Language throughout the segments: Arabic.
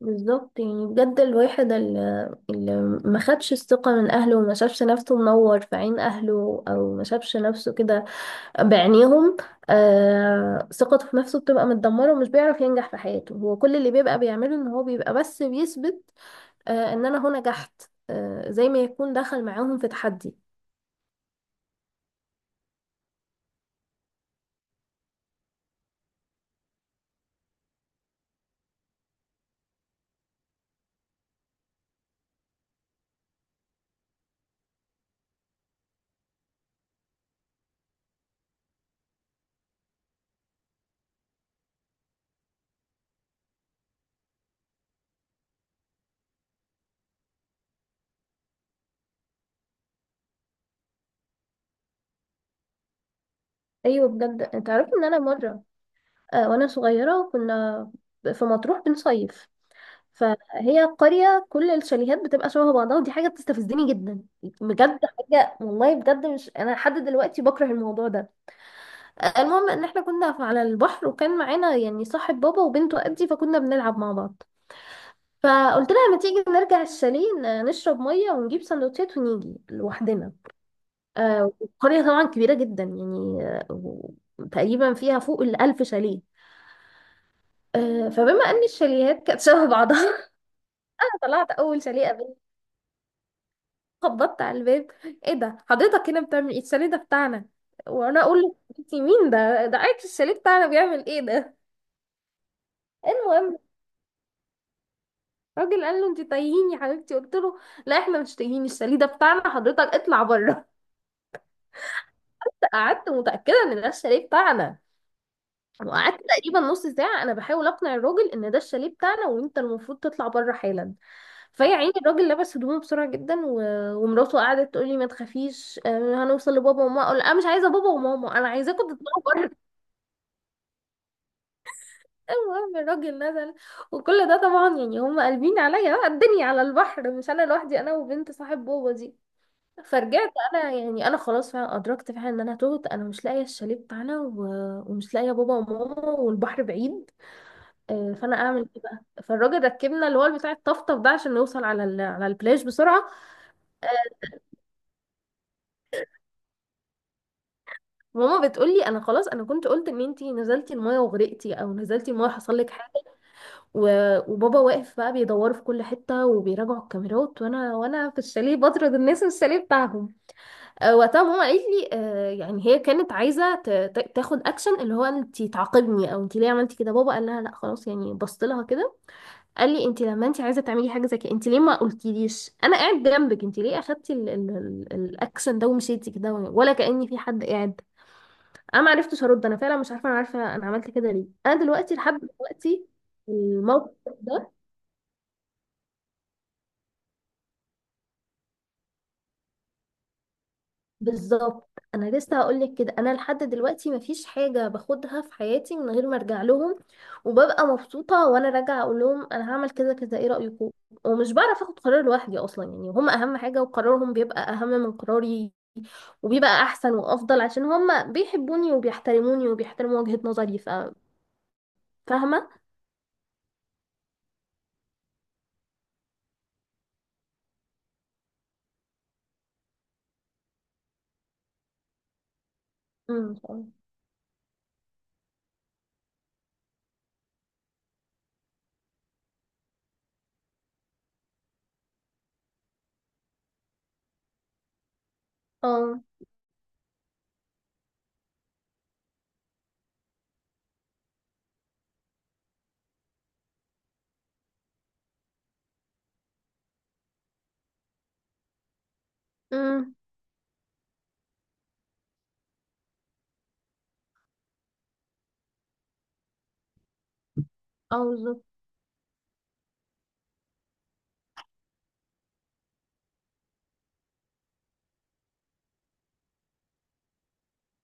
بالظبط، يعني بجد الواحد اللي ما خدش الثقة من أهله وما شافش نفسه منور في عين أهله أو ما شافش نفسه كده بعينيهم. ثقته في نفسه بتبقى متدمرة ومش بيعرف ينجح في حياته، هو كل اللي بيبقى بيعمله إن هو بيبقى بس بيثبت إن أنا هو نجحت، زي ما يكون دخل معاهم في تحدي. أيوة، بجد أنت عارف إن أنا مرة وأنا صغيرة كنا في مطروح بنصيف. فهي قرية كل الشاليهات بتبقى شبه بعضها، ودي حاجة بتستفزني جدا، بجد حاجة، والله بجد مش أنا لحد دلوقتي بكره الموضوع ده. المهم إن احنا كنا على البحر، وكان معانا يعني صاحب بابا وبنته قدي، فكنا بنلعب مع بعض. فقلت لها ما تيجي نرجع الشاليه نشرب مية ونجيب سندوتشات ونيجي لوحدنا. والقرية طبعا كبيرة جدا يعني تقريبا فيها فوق ال1000 شاليه. فبما ان الشاليهات كانت شبه بعضها، انا طلعت اول شاليه، خبطت على الباب. ايه ده؟ حضرتك هنا بتعمل ايه؟ الشاليه ده بتاعنا. وانا اقول له انت مين؟ ده عارف الشاليه بتاعنا بيعمل ايه ده؟ المهم الراجل قال له انت تايهين يا حبيبتي. قلت له لا احنا مش تايهين، الشاليه ده بتاعنا، حضرتك اطلع بره. قعدت متاكده ان ده الشاليه بتاعنا، وقعدت تقريبا نص ساعه انا بحاول اقنع الراجل ان ده الشاليه بتاعنا وانت المفروض تطلع بره حالا. فيا عيني الراجل لبس هدومه بسرعه جدا ومراته قعدت تقول لي ما تخافيش، هنوصل لبابا وماما. اقول لها مش عايزه بابا وماما، انا عايزاكم تطلعوا. المهم الراجل نزل، وكل ده طبعا يعني هم قلبين عليا بقى الدنيا على البحر، مش انا لوحدي، انا وبنت صاحب بابا دي. فرجعت انا، يعني انا خلاص فعلا ادركت فعلا ان انا تهت، انا مش لاقيه الشاليه بتاعنا ومش لاقيه بابا وماما، والبحر بعيد. فانا اعمل ايه بقى؟ فالراجل ركبنا اللي هو بتاع الطفطف ده عشان نوصل على البلاج بسرعه. ماما بتقول لي انا خلاص، انا كنت قلت ان انتي نزلتي المايه وغرقتي، او نزلتي المايه حصل لك. وبابا واقف بقى بيدوروا في كل حتة وبيراجعوا الكاميرات، وانا في الشاليه بطرد الناس من الشاليه بتاعهم. وقتها ماما قالت لي يعني هي كانت عايزة تاخد اكشن، اللي هو انتي تعاقبني او انتي ليه عملتي كده. بابا قال لها لا خلاص، يعني بصت لها كده. قال لي انتي لما انتي عايزة تعملي حاجة زي كده، انتي ليه ما قلتيليش؟ انا قاعد جنبك. انتي ليه اخدتي الاكشن ده ومشيتي كده، ولا كأني في حد قاعد؟ انا ما عرفتش ارد، انا فعلا مش عارفه، انا عارفه انا عملت كده ليه، انا دلوقتي لحد دلوقتي الموقف ده. بالظبط. انا لسه هقول لك كده، انا لحد دلوقتي مفيش حاجه باخدها في حياتي من غير ما ارجع لهم، وببقى مبسوطه وانا راجعه اقول لهم انا هعمل كذا كذا، ايه رايكم؟ ومش بعرف اخد قرار لوحدي اصلا، يعني هم اهم حاجه وقرارهم بيبقى اهم من قراري، وبيبقى احسن وافضل عشان هم بيحبوني وبيحترموني وبيحترموا وجهه نظري. فاهمه. امم. اه. امم. اه. بالظبط.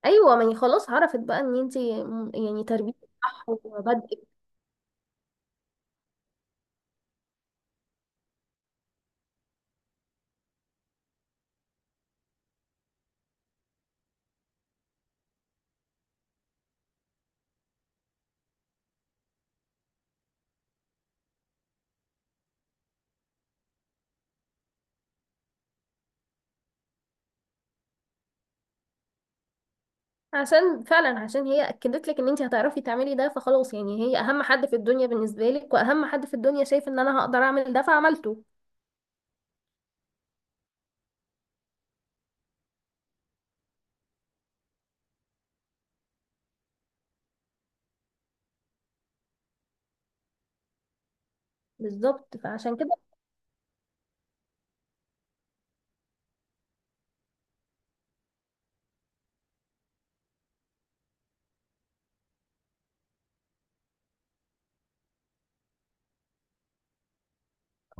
ايوه، ما هي خلاص عرفت بقى ان انت، يعني تربيتك صح وبدأ، عشان فعلا عشان هي اكدت لك ان انت هتعرفي تعملي ده، فخلاص يعني هي اهم حد في الدنيا بالنسبه لك، واهم حد في الدنيا شايف ان انا هقدر اعمل ده، فعملته. بالظبط. فعشان كده،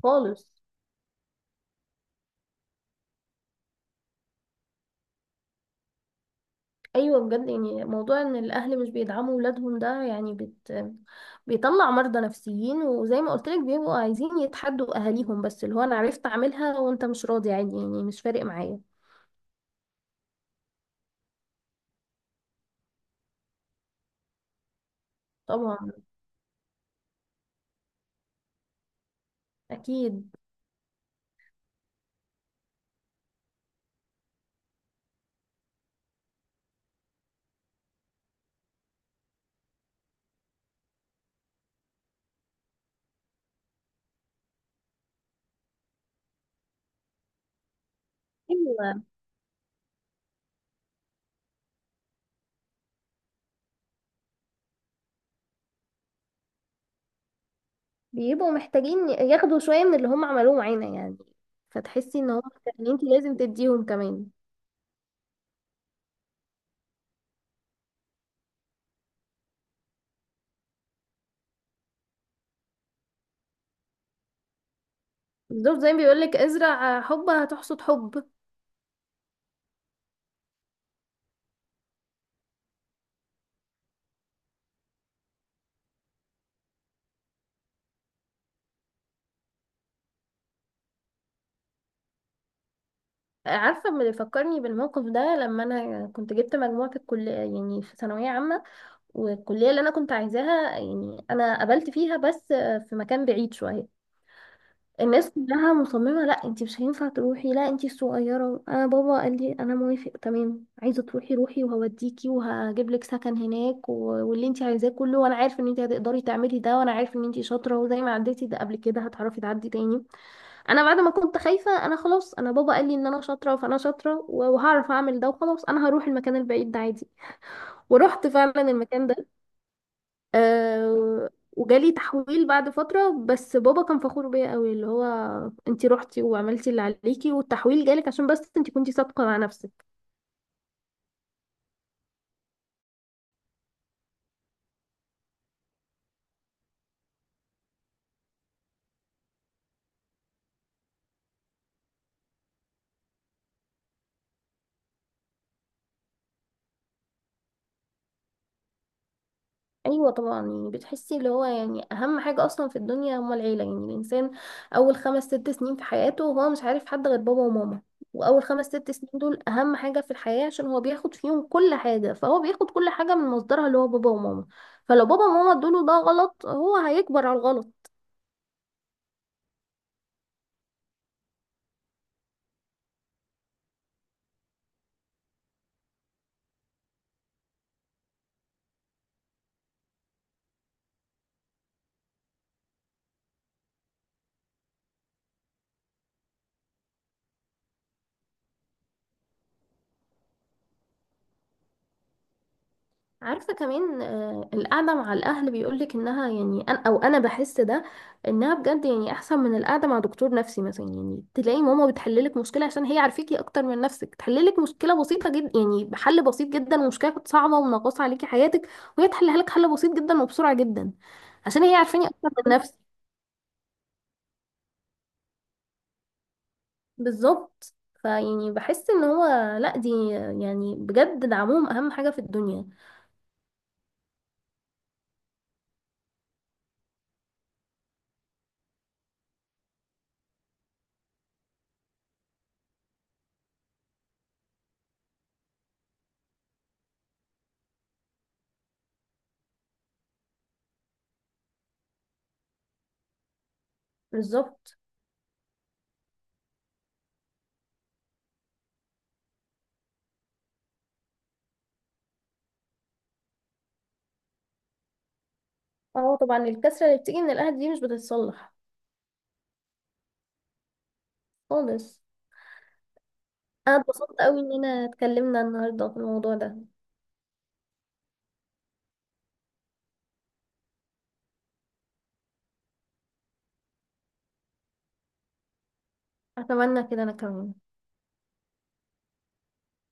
خالص. ايوه بجد، يعني موضوع ان الاهل مش بيدعموا ولادهم ده، يعني بيطلع مرضى نفسيين، وزي ما قلت لك بيبقوا عايزين يتحدوا اهاليهم، بس اللي هو انا عرفت اعملها وانت مش راضي، عادي يعني مش فارق معايا. طبعا. اكيد. ايوه، بيبقوا محتاجين ياخدوا شوية من اللي هم عملوه معانا يعني. فتحسي ان هم محتاجين، انت لازم تديهم كمان. بالظبط، زي ما بيقولك ازرع حب هتحصد حب. عارفة، اللي فكرني بالموقف ده لما أنا كنت جبت مجموعة في الكلية، يعني في ثانوية عامة، والكلية اللي أنا كنت عايزاها يعني أنا قبلت فيها، بس في مكان بعيد شوية. الناس كلها مصممة لا انتي مش هينفع تروحي، لا انتي الصغيرة. انا بابا قال لي انا موافق، تمام عايزة تروحي روحي، وهوديكي وهجيب لك سكن هناك واللي انتي عايزاه كله، وانا عارف ان انتي هتقدري تعملي ده، وانا عارف ان انتي شاطرة، وزي ما عديتي ده قبل كده هتعرفي تعدي تاني. انا بعد ما كنت خايفة، انا خلاص انا بابا قال لي ان انا شاطرة فانا شاطرة، وهعرف اعمل ده، وخلاص انا هروح المكان البعيد ده عادي. ورحت فعلا المكان ده. أه، وجالي تحويل بعد فترة، بس بابا كان فخور بيا قوي، اللي هو انتي روحتي وعملتي اللي عليكي، والتحويل جالك عشان بس انتي كنتي صادقة مع نفسك. ايوه طبعا، يعني بتحسي اللي هو يعني اهم حاجه اصلا في الدنيا هما العيله، يعني الانسان اول 5 6 سنين في حياته هو مش عارف حد غير بابا وماما، واول 5 6 سنين دول اهم حاجه في الحياه، عشان هو بياخد فيهم كل حاجه، فهو بياخد كل حاجه من مصدرها اللي هو بابا وماما. فلو بابا وماما ادوله ده غلط، هو هيكبر على الغلط. عارفة كمان، القعدة مع الأهل بيقولك إنها يعني أنا، أو أنا بحس ده إنها بجد يعني أحسن من القعدة مع دكتور نفسي مثلا. يعني تلاقي ماما بتحللك مشكلة عشان هي عارفاكي أكتر من نفسك، تحللك مشكلة بسيطة جدا يعني بحل بسيط جدا، ومشكلة كانت صعبة ومنغصة عليكي حياتك وهي تحلها لك حل بسيط جدا وبسرعة جدا، عشان هي عارفاني أكتر من نفسي. بالظبط. فيعني بحس إن هو، لأ دي يعني بجد دعمهم أهم حاجة في الدنيا. بالظبط. اه طبعا، الكسرة اللي بتيجي من الأهل دي مش بتتصلح. خالص. انا اتبسطت قوي اننا اتكلمنا النهارده في الموضوع ده. اتمنى كده انا كمان.